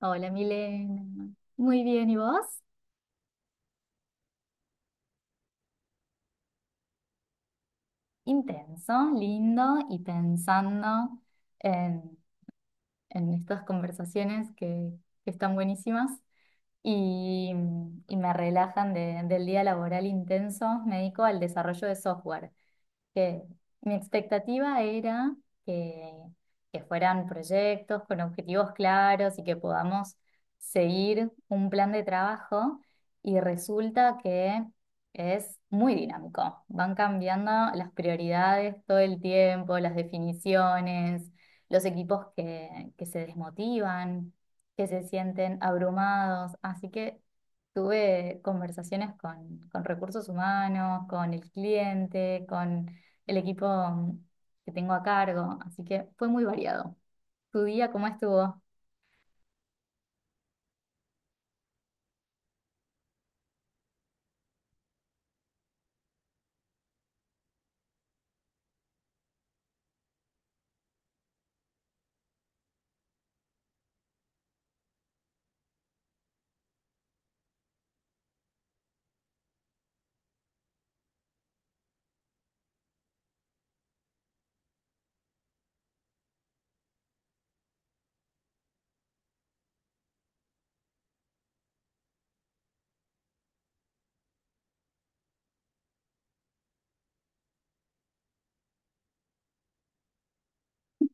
Hola, Milena. Muy bien, ¿y vos? Intenso, lindo y pensando en, en estas conversaciones que están buenísimas y, y me relajan del día laboral intenso. Me dedico al desarrollo de software. Que Mi expectativa era que, que fueran proyectos con objetivos claros y que podamos seguir un plan de trabajo y resulta que es muy dinámico. Van cambiando las prioridades todo el tiempo, las definiciones, los equipos que se desmotivan, que se sienten abrumados. Así que tuve conversaciones con recursos humanos, con el cliente, con el equipo que tengo a cargo, así que fue muy variado. ¿Tu día cómo estuvo?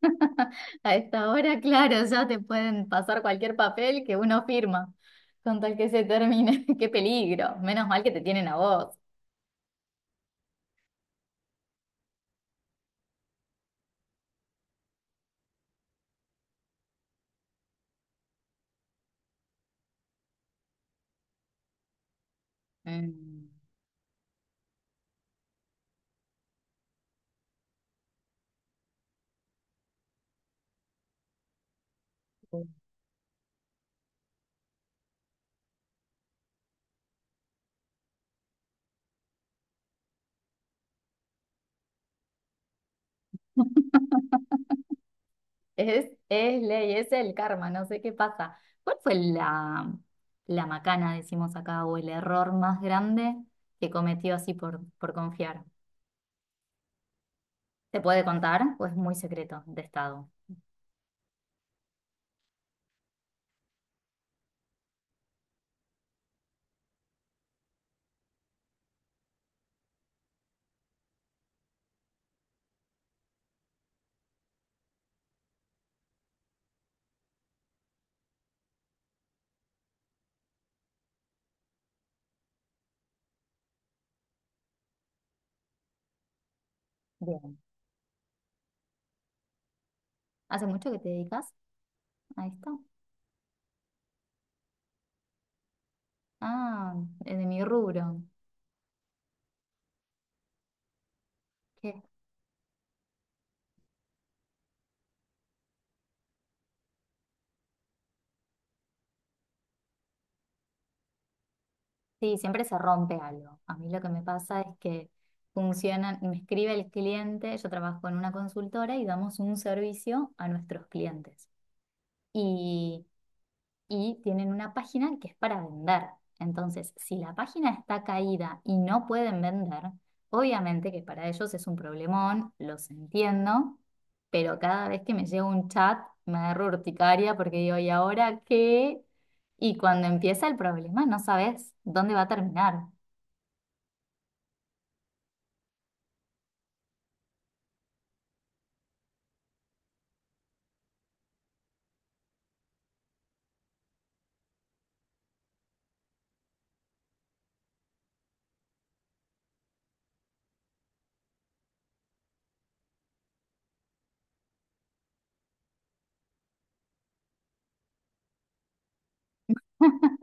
A esta hora, claro, ya te pueden pasar cualquier papel que uno firma, con tal que se termine. ¡Qué peligro! Menos mal que te tienen a vos. Mm. Es ley, es el karma, no sé qué pasa. ¿Cuál fue la, la macana, decimos acá, o el error más grande que cometió así por confiar? ¿Te puede contar? Pues muy secreto de estado. Bien. ¿Hace mucho que te dedicas a esto? Ah, es de mi rubro. ¿Qué? Sí, siempre se rompe algo. A mí lo que me pasa es que funcionan, me escribe el cliente, yo trabajo en una consultora y damos un servicio a nuestros clientes. Y y tienen una página que es para vender. Entonces, si la página está caída y no pueden vender, obviamente que para ellos es un problemón, los entiendo, pero cada vez que me llega un chat me agarro urticaria porque digo, ¿y ahora qué? Y cuando empieza el problema no sabes dónde va a terminar.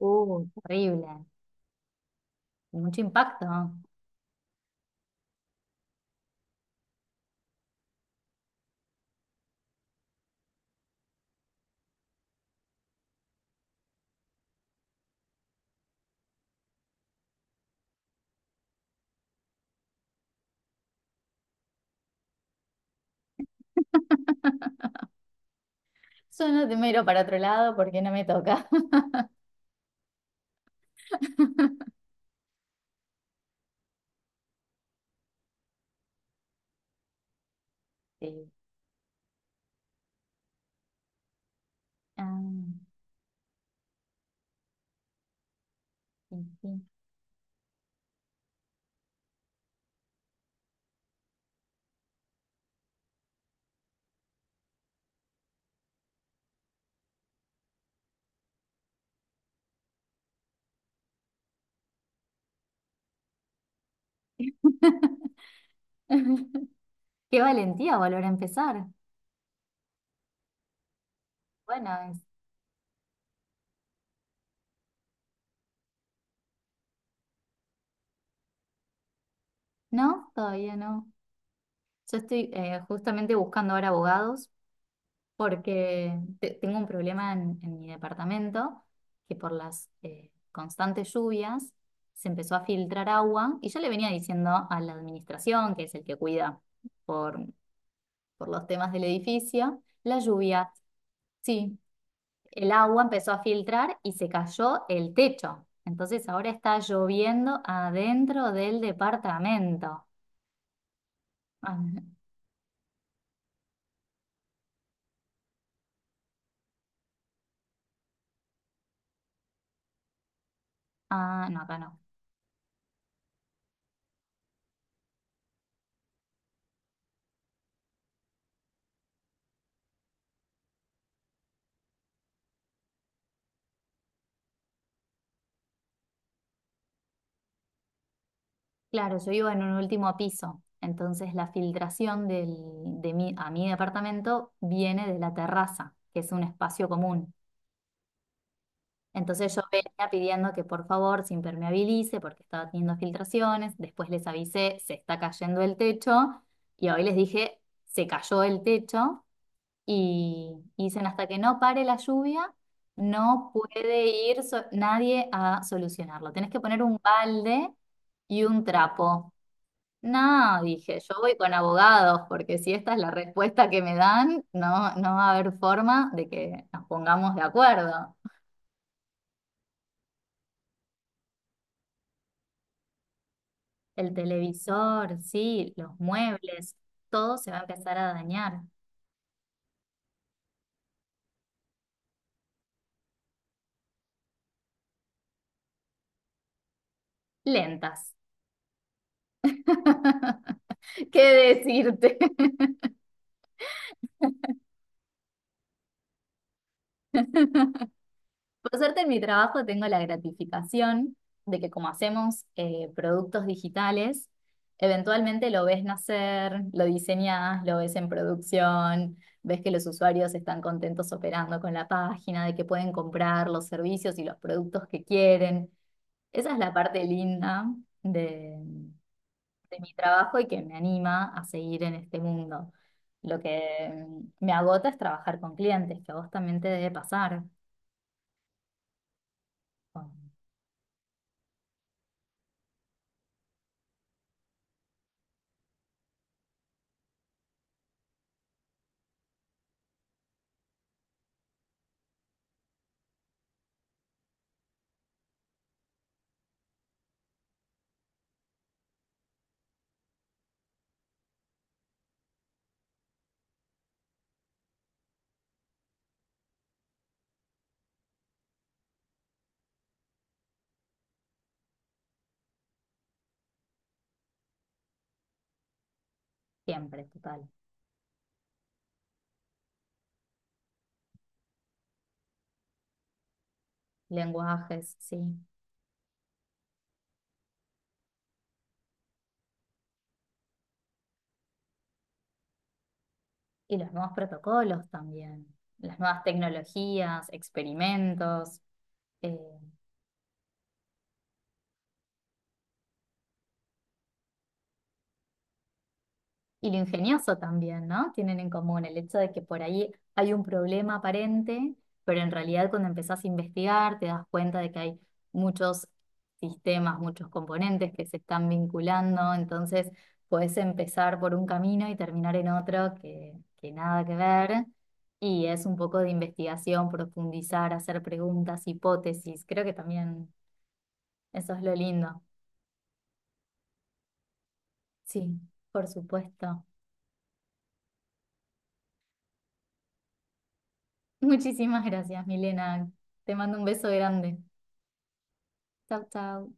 Terrible, mucho impacto. Yo no te miro para otro lado porque no me toca. Sí. Ah, sí, sí. Qué valentía volver a empezar. Bueno, no, todavía no. Yo estoy justamente buscando ahora abogados porque tengo un problema en mi departamento que por las constantes lluvias se empezó a filtrar agua y yo le venía diciendo a la administración, que es el que cuida por, por los temas del edificio, la lluvia. Sí, el agua empezó a filtrar y se cayó el techo. Entonces ahora está lloviendo adentro del departamento. Ah, ah, no, acá no. Claro, yo vivo en un último piso. Entonces la filtración de mi, a mi departamento viene de la terraza, que es un espacio común. Entonces yo venía pidiendo que por favor se impermeabilice porque estaba teniendo filtraciones. Después les avisé, se está cayendo el techo. Y hoy les dije, se cayó el techo. Y dicen, hasta que no pare la lluvia, no puede ir nadie a solucionarlo. Tenés que poner un balde y un trapo. No, dije, yo voy con abogados, porque si esta es la respuesta que me dan, no, no va a haber forma de que nos pongamos de acuerdo. El televisor, sí, los muebles, todo se va a empezar a dañar. Lentas. ¿Qué decirte? Por suerte en mi trabajo tengo la gratificación de que como hacemos productos digitales, eventualmente lo ves nacer, lo diseñás, lo ves en producción, ves que los usuarios están contentos operando con la página, de que pueden comprar los servicios y los productos que quieren. Esa es la parte linda de, de mi trabajo y que me anima a seguir en este mundo. Lo que me agota es trabajar con clientes, que a vos también te debe pasar, con- siempre, total. Lenguajes, sí. Y los nuevos protocolos también, las nuevas tecnologías, experimentos. eh, Y lo ingenioso también, ¿no? Tienen en común el hecho de que por ahí hay un problema aparente, pero en realidad cuando empezás a investigar te das cuenta de que hay muchos sistemas, muchos componentes que se están vinculando, entonces podés empezar por un camino y terminar en otro que nada que ver. Y es un poco de investigación, profundizar, hacer preguntas, hipótesis. Creo que también eso es lo lindo. Sí, por supuesto. Muchísimas gracias, Milena. Te mando un beso grande. Chao, chao.